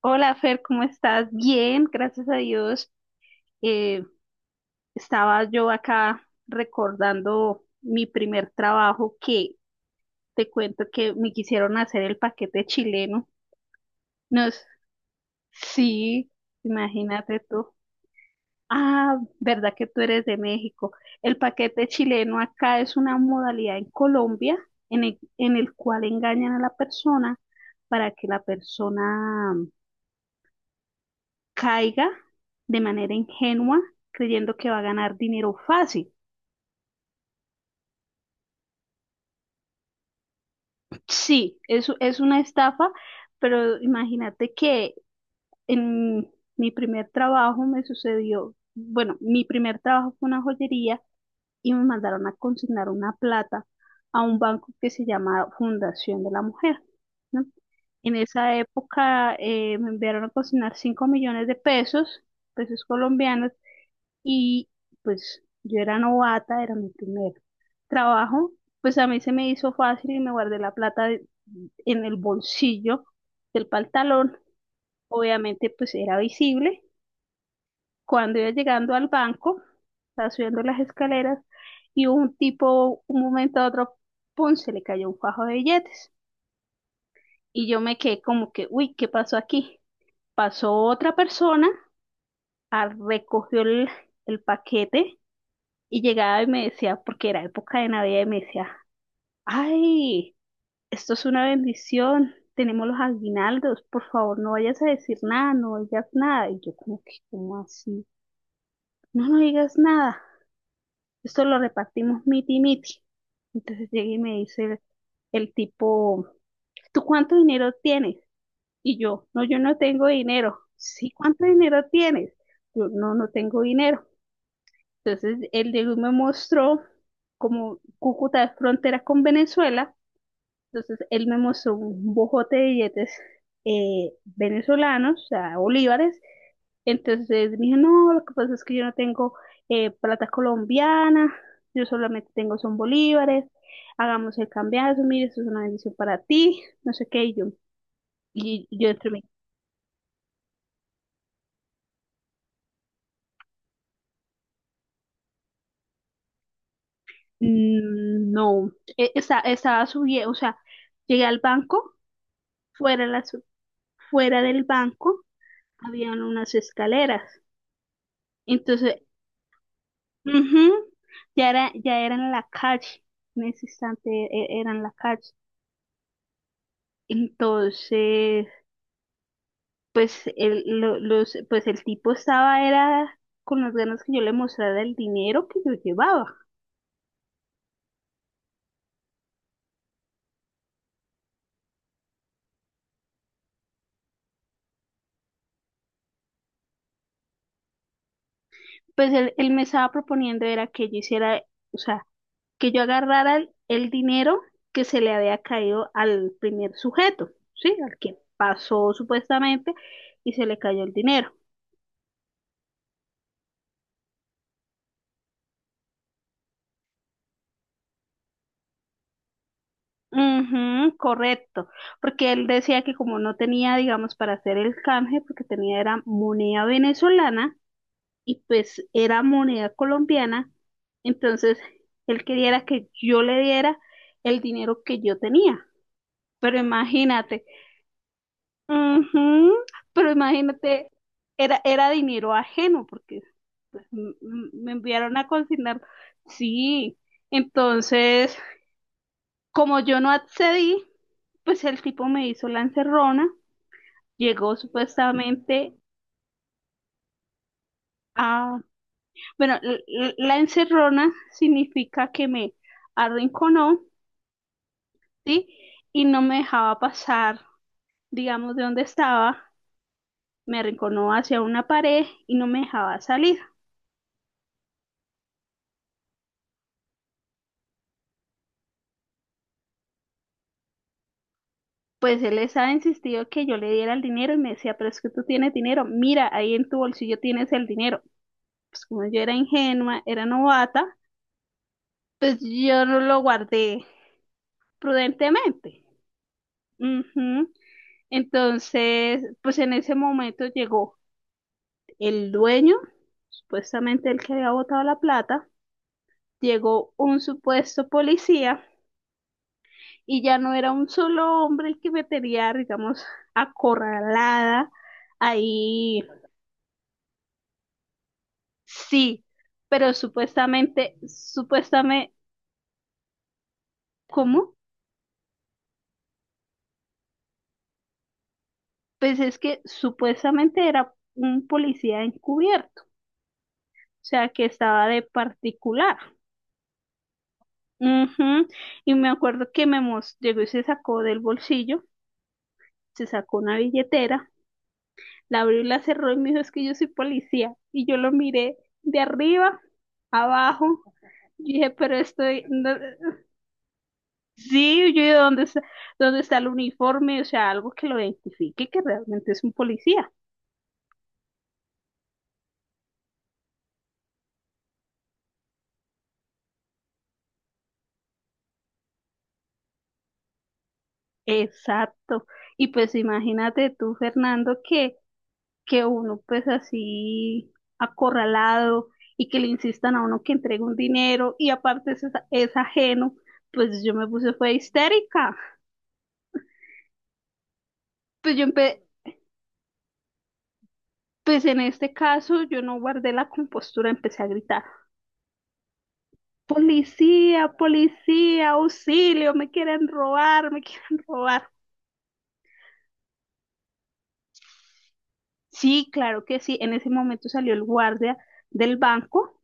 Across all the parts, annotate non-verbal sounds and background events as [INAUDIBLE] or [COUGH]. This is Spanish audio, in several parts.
Hola Fer, ¿cómo estás? Bien, gracias a Dios. Eh, Estaba yo acá recordando mi primer trabajo que te cuento que me quisieron hacer el paquete chileno. Nos, sí, imagínate tú. Ah, ¿verdad que tú eres de México? El paquete chileno acá es una modalidad en Colombia en el cual engañan a la persona para que la persona caiga de manera ingenua creyendo que va a ganar dinero fácil. Sí, eso es una estafa, pero imagínate que en mi primer trabajo me sucedió. Bueno, mi primer trabajo fue una joyería y me mandaron a consignar una plata a un banco que se llama Fundación de la Mujer, ¿no? En esa época me enviaron a consignar 5 millones de pesos, pesos colombianos, y pues yo era novata, era mi primer trabajo. Pues a mí se me hizo fácil y me guardé la plata en el bolsillo del pantalón. Obviamente, pues era visible. Cuando iba llegando al banco, estaba subiendo las escaleras y un tipo, un momento a otro, ¡pum!, se le cayó un fajo de billetes. Y yo me quedé como que, uy, ¿qué pasó aquí? Pasó otra persona, ah, recogió el paquete y llegaba y me decía, porque era época de Navidad, y me decía, ay. Esto es una bendición. Tenemos los aguinaldos. Por favor, no vayas a decir nada, no digas nada. Y yo como que, ¿cómo así? No, no digas nada. Esto lo repartimos miti miti. Entonces llega y me dice el tipo, ¿tú cuánto dinero tienes? Y yo, no, yo no tengo dinero. Sí, ¿cuánto dinero tienes? Yo, no tengo dinero. Entonces él llegó y me mostró, como Cúcuta es frontera con Venezuela, entonces él me mostró un bojote de billetes venezolanos, o sea, bolívares. Entonces me dijo, no, lo que pasa es que yo no tengo plata colombiana, yo solamente tengo son bolívares, hagamos el cambiazo, mire, eso es una bendición para ti, no sé qué, y yo entre mí, Mm, no, estaba subiendo, o sea, llegué al banco, fuera, de las, fuera del banco habían unas escaleras. Entonces... Ujú, ya era en la calle, en ese instante era en la calle. Entonces, pues el tipo estaba, era con las ganas que yo le mostrara el dinero que yo llevaba. Pues él me estaba proponiendo era que yo hiciera, o sea, que yo agarrara el dinero que se le había caído al primer sujeto, ¿sí? Al que pasó supuestamente y se le cayó el dinero. Ujú, correcto, porque él decía que como no tenía, digamos, para hacer el canje, porque tenía era moneda venezolana y pues era moneda colombiana, entonces él quería era que yo le diera el dinero que yo tenía, pero imagínate, ujú, pero imagínate, era dinero ajeno, porque pues, me enviaron a consignar, sí, entonces... Como yo no accedí, pues el tipo me hizo la encerrona, llegó supuestamente a... Bueno, la encerrona significa que me arrinconó, ¿sí? Y no me dejaba pasar, digamos, de donde estaba, me arrinconó hacia una pared y no me dejaba salir. Pues él les ha insistido que yo le diera el dinero y me decía, pero es que tú tienes dinero, mira, ahí en tu bolsillo tienes el dinero. Pues como yo era ingenua, era novata, pues yo no lo guardé prudentemente. Ujú. Entonces, pues en ese momento llegó el dueño, supuestamente el que había botado la plata, llegó un supuesto policía y ya no era un solo hombre el que me tenía, digamos, acorralada ahí. Sí, pero supuestamente, supuestamente, ¿cómo? Pues es que supuestamente era un policía encubierto, o sea, que estaba de particular. Ujú. Y me acuerdo que me llegó y se sacó del bolsillo, se sacó una billetera, la abrió y la cerró y me dijo, es que yo soy policía. Y yo lo miré de arriba, abajo, y dije, pero estoy, sí, yo dije, dónde está el uniforme? O sea, algo que lo identifique que realmente es un policía. Exacto. Y pues imagínate tú, Fernando, que uno pues así acorralado y que le insistan a uno que entregue un dinero y aparte es ajeno, pues yo me puse fue histérica. Pues yo en este caso yo no guardé la compostura, empecé a gritar, policía, policía, auxilio, me quieren robar, me [LAUGHS] quieren robar. Sí, claro que sí, en ese momento salió el guardia del banco,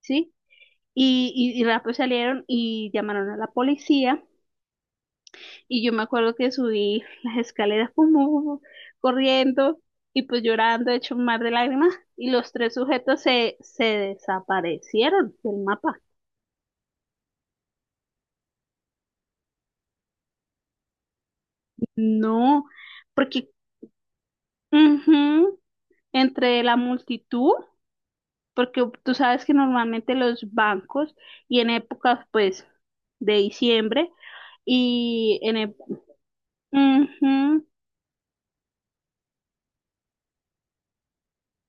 ¿sí? Y rápido salieron y llamaron a la policía. Y yo me acuerdo que subí las escaleras como corriendo y pues llorando, hecho un mar de lágrimas. Y los tres sujetos se desaparecieron del mapa. No, porque ujú, entre la multitud, porque tú sabes que normalmente los bancos y en épocas pues de diciembre y ujú.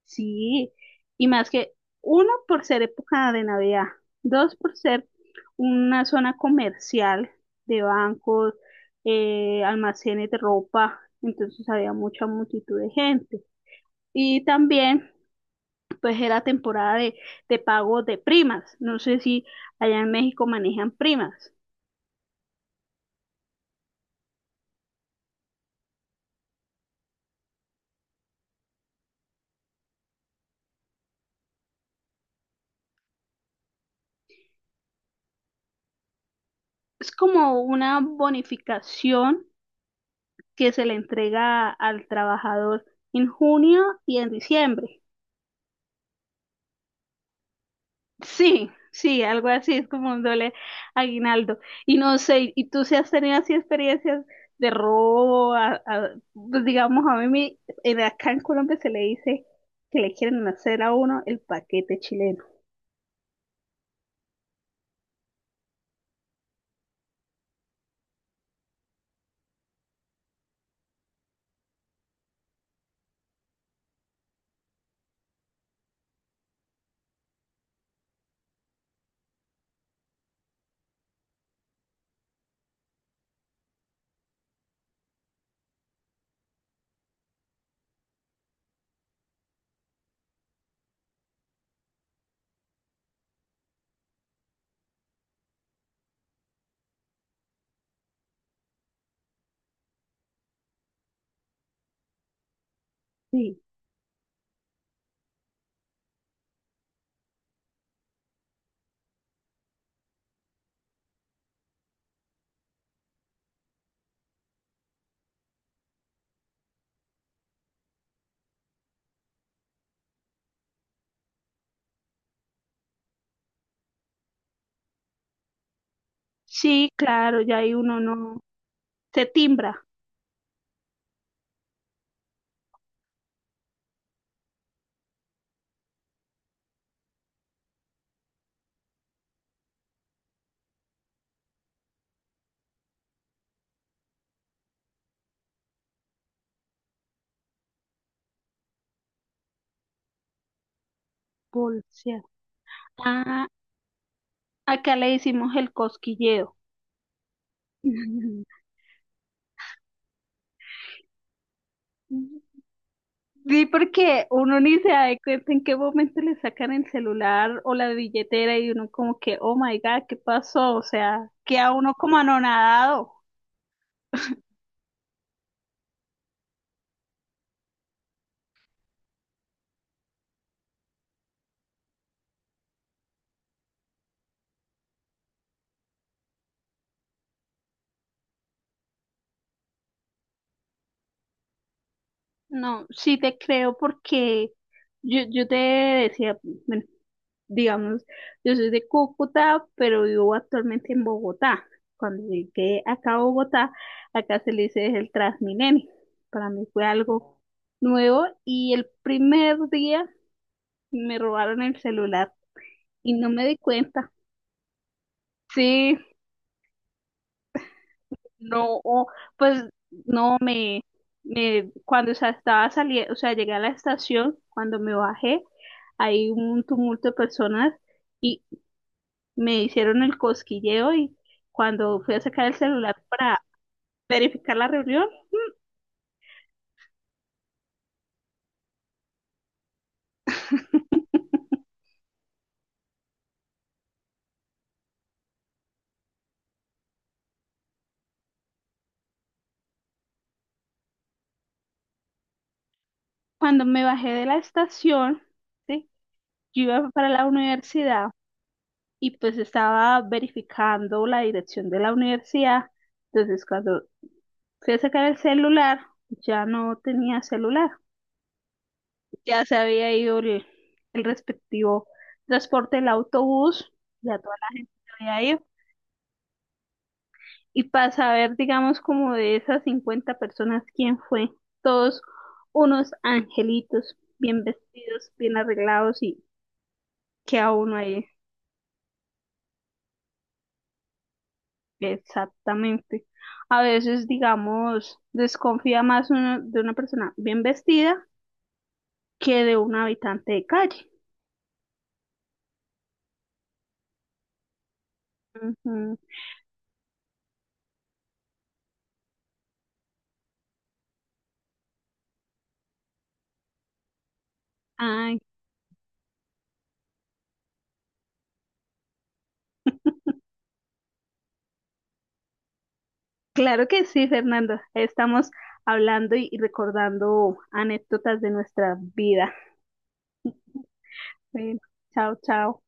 Sí, y más que uno por ser época de Navidad, dos por ser una zona comercial de bancos, almacenes de ropa, entonces había mucha multitud de gente. Y también, pues era temporada de pago de primas. No sé si allá en México manejan primas. Es como una bonificación que se le entrega al trabajador en junio y en diciembre. Sí, sí, algo así, es como un doble aguinaldo. Y no sé, ¿y tú si has tenido así experiencias de robo? Pues digamos, a mí acá en Colombia se le dice que le quieren hacer a uno el paquete chileno. Sí, sí, claro, ya ahí uno no se timbra, bolsa. Ah, acá le hicimos el cosquilleo. [LAUGHS] Sí, porque uno ni se da de cuenta en qué momento le sacan el celular o la billetera y uno como que, oh my God, ¿qué pasó? O sea, queda uno como anonadado. No, sí te creo porque yo te decía, bueno, digamos, yo soy de Cúcuta, pero vivo actualmente en Bogotá. Cuando llegué acá a Bogotá, acá se le dice el Transmilenio. Para mí fue algo nuevo y el primer día me robaron el celular. Y no me di cuenta. Sí, no, pues no me, me cuando, o sea, estaba saliendo, o sea, llegué a la estación, cuando me bajé, hay un tumulto de personas y me hicieron el cosquilleo y cuando fui a sacar el celular para verificar la reunión, cuando me bajé de la estación, ¿sí? Yo iba para la universidad y pues estaba verificando la dirección de la universidad. Entonces, cuando fui a sacar el celular, ya no tenía celular, ya se había ido el respectivo transporte, el autobús, ya toda la gente se había ido. Y para saber, digamos, como de esas 50 personas, quién fue, todos unos angelitos, bien vestidos, bien arreglados y que a uno ahí, exactamente. A veces, digamos, desconfía más uno de una persona bien vestida que de un habitante de calle. Ujú. Ah, claro que sí, Fernando. Estamos hablando y recordando anécdotas de nuestra vida. Bueno, chao, chao.